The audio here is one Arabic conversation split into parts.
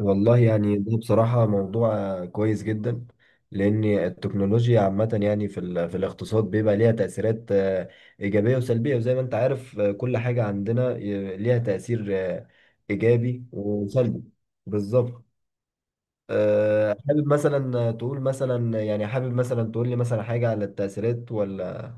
والله يعني ده بصراحة موضوع كويس جدا. لأن التكنولوجيا عامة يعني في الاقتصاد بيبقى ليها تأثيرات إيجابية وسلبية، وزي ما أنت عارف كل حاجة عندنا ليها تأثير إيجابي وسلبي. بالظبط. حابب مثلا تقول لي مثلا حاجة على التأثيرات ولا؟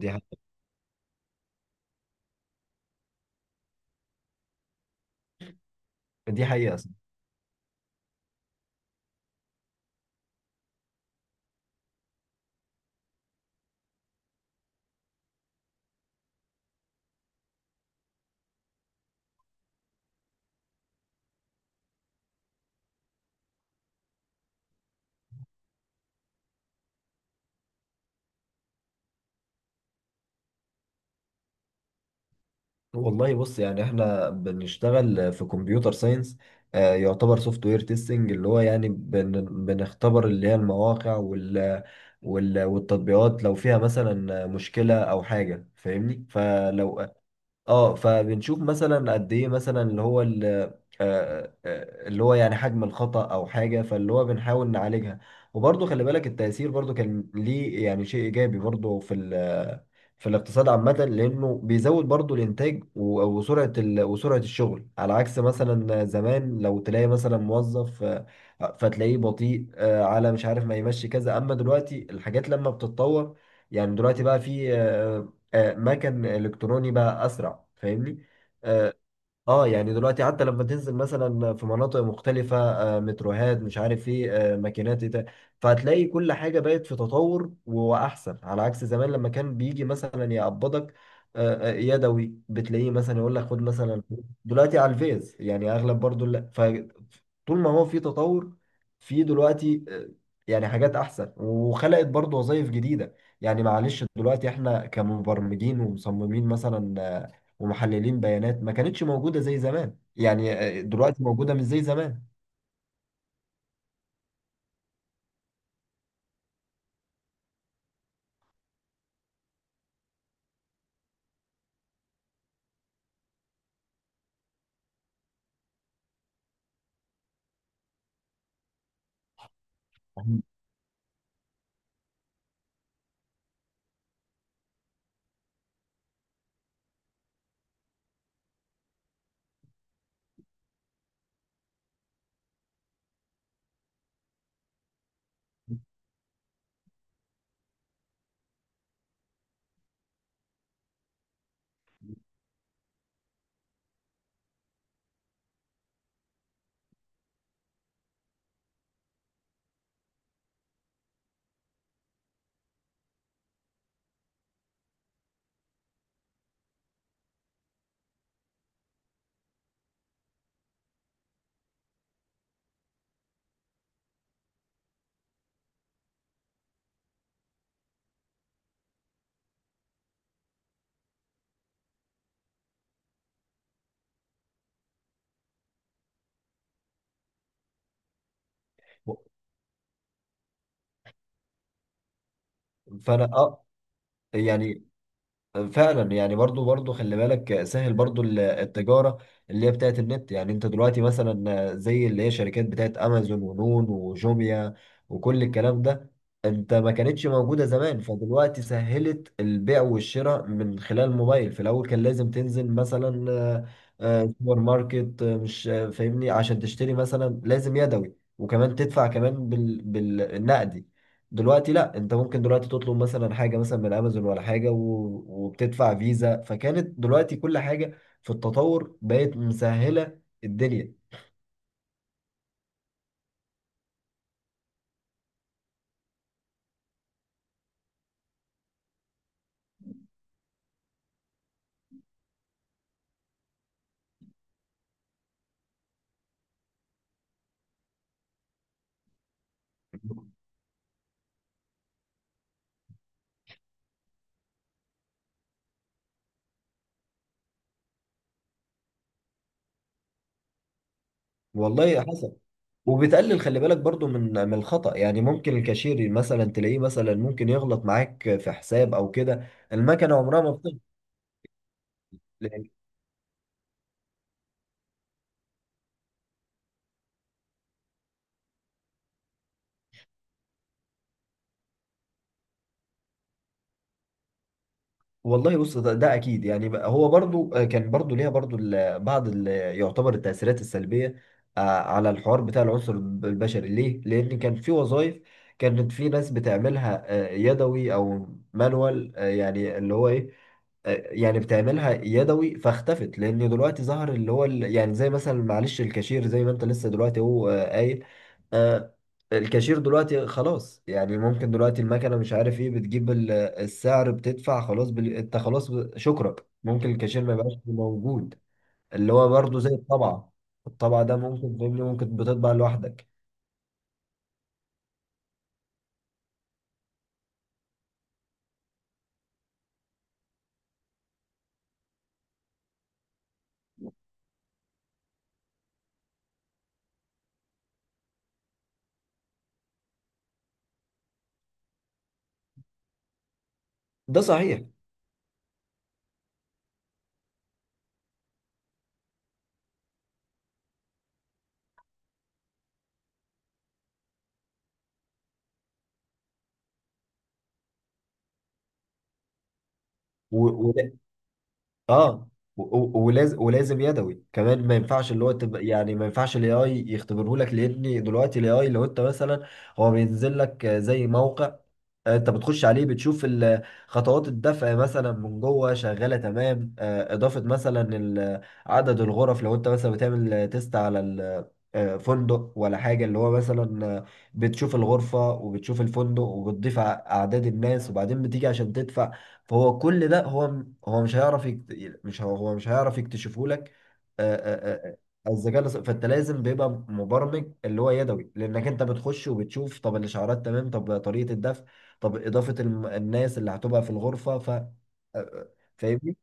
دي ح- دي حقيقة. والله بص، يعني احنا بنشتغل في كمبيوتر ساينس، يعتبر سوفت وير تيستنج، اللي هو يعني بنختبر اللي هي المواقع والتطبيقات، لو فيها مثلا مشكلة او حاجة، فاهمني؟ فلو اه فبنشوف مثلا قد ايه مثلا اللي هو اللي هو يعني حجم الخطأ أو حاجة، فاللي هو بنحاول نعالجها. وبرضه خلي بالك، التأثير برضه كان ليه يعني شيء إيجابي برضه في الاقتصاد عامة، لأنه بيزود برضه الإنتاج وسرعة وسرعة الشغل، على عكس مثلا زمان لو تلاقي مثلا موظف فتلاقيه بطيء، على مش عارف ما يمشي كذا. أما دلوقتي الحاجات لما بتتطور، يعني دلوقتي بقى في مكن إلكتروني بقى أسرع، فاهمني؟ آه، اه يعني دلوقتي حتى لما تنزل مثلا في مناطق مختلفة، متروهات مش عارف ايه، ماكينات ايه ده، فهتلاقي كل حاجة بقت في تطور وأحسن، على عكس زمان لما كان بيجي مثلا يقبضك يدوي، بتلاقيه مثلا يقول لك خد مثلا فلوس. دلوقتي على الفيز، يعني أغلب برضو، لا، فطول ما هو في تطور، في دلوقتي يعني حاجات أحسن. وخلقت برضو وظائف جديدة، يعني معلش دلوقتي احنا كمبرمجين ومصممين مثلا، ومحللين بيانات، ما كانتش موجودة زي زمان، يعني دلوقتي موجودة مش زي زمان. فانا يعني فعلا، يعني برضو خلي بالك، سهل برضو التجارة اللي هي بتاعت النت. يعني انت دلوقتي مثلا زي اللي هي شركات بتاعت امازون ونون وجوميا وكل الكلام ده، انت ما كانتش موجودة زمان، فدلوقتي سهلت البيع والشراء من خلال الموبايل. في الاول كان لازم تنزل مثلا سوبر ماركت، مش، فاهمني؟ عشان تشتري مثلا لازم يدوي، وكمان تدفع كمان بالنقدي. دلوقتي لا، انت ممكن دلوقتي تطلب مثلا حاجه مثلا من امازون ولا حاجه وبتدفع فيزا، فكانت دلوقتي كل حاجه في التطور بقت مسهله الدنيا. والله حسن. وبتقلل خلي بالك برضو من الخطأ، يعني ممكن الكاشير مثلا تلاقيه مثلا ممكن يغلط معاك في حساب او كده، المكنه عمرها ما بتغلط. والله بص ده اكيد، يعني بقى هو برضو كان برضو ليها برضو بعض يعتبر التاثيرات السلبيه على الحوار بتاع العنصر البشري، ليه؟ لان كان في وظائف كانت في ناس بتعملها يدوي او مانوال، يعني اللي هو ايه؟ يعني بتعملها يدوي، فاختفت، لان دلوقتي ظهر اللي هو يعني زي مثلا معلش الكاشير، زي ما انت لسه دلوقتي هو قايل. آه، الكاشير دلوقتي خلاص، يعني ممكن دلوقتي المكنه مش عارف ايه بتجيب السعر، بتدفع خلاص انت خلاص شكرا. ممكن الكاشير ما يبقاش موجود. اللي هو برضه زي الطبعه، الطبعه ده ممكن فاهمني، ممكن بتطبع لوحدك. ده صحيح. اه ولازم يدوي كمان، ما ينفعش اللي هو تبقى يعني ما ينفعش الاي اي يختبره لك، لان دلوقتي الاي اي لو انت مثلا هو بينزل لك زي موقع، انت بتخش عليه بتشوف خطوات الدفع مثلا من جوه شغاله تمام، اضافه مثلا عدد الغرف، لو انت مثلا بتعمل تيست على فندق ولا حاجه، اللي هو مثلا بتشوف الغرفه وبتشوف الفندق وبتضيف اعداد الناس، وبعدين بتيجي عشان تدفع. فهو كل ده هو مش هيعرف مش هو هو مش هيعرف يكتشفه لك، آه، آه، آه، الذكاء الاصطناعي. فانت لازم بيبقى مبرمج اللي هو يدوي، لانك انت بتخش وبتشوف طب الاشعارات تمام، طب طريقه الدفع، طب إضافة الناس اللي هتبقى في الغرفة آه، فاهمني؟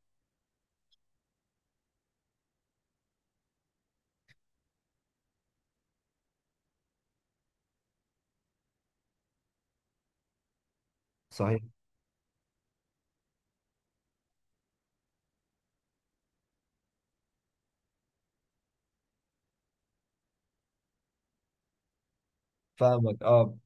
صحيح. فاهمك، اه.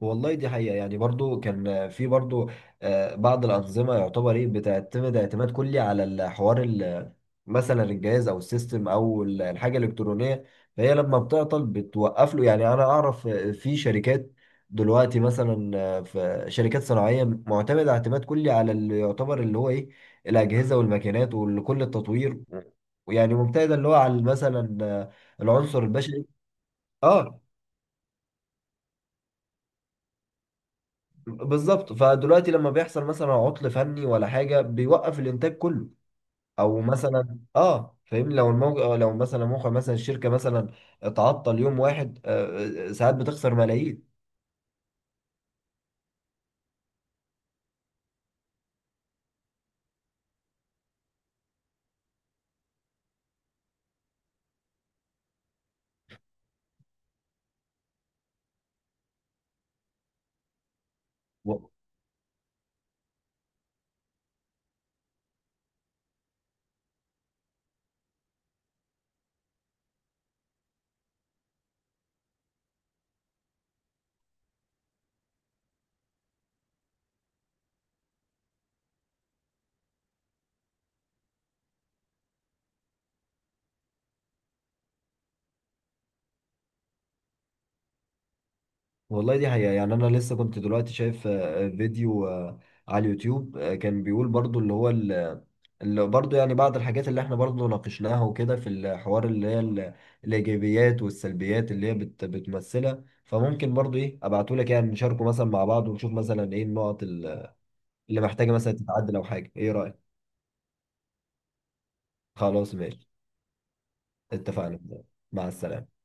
والله دي حقيقة، يعني برضو كان في برضو بعض الأنظمة يعتبر إيه بتعتمد اعتماد كلي على الحوار مثلا الجهاز أو السيستم أو الحاجة الإلكترونية، فهي لما بتعطل بتوقف له. يعني أنا أعرف في شركات دلوقتي مثلا في شركات صناعية معتمدة اعتماد كلي على اللي يعتبر اللي هو إيه، الأجهزة والماكينات وكل التطوير، ويعني مبتعدة اللي هو على مثلا العنصر البشري. اه، بالظبط، فدلوقتي لما بيحصل مثلا عطل فني ولا حاجه بيوقف الانتاج كله. او مثلا فاهمني؟ لو لو مثلا موقع مثلا الشركه مثلا اتعطل يوم واحد، ساعات بتخسر ملايين. والله دي حقيقة، يعني أنا لسه كنت دلوقتي شايف فيديو على اليوتيوب، كان بيقول برضو اللي هو اللي برضو، يعني بعض الحاجات اللي احنا برضو ناقشناها وكده في الحوار، اللي هي الإيجابيات والسلبيات اللي هي بتمثلها. فممكن برضو إيه أبعتولك يعني نشاركه مثلا مع بعض، ونشوف مثلا إيه النقط اللي محتاجة مثلا تتعدل أو حاجة. إيه رأيك؟ خلاص ماشي. اتفقنا. مع السلامة.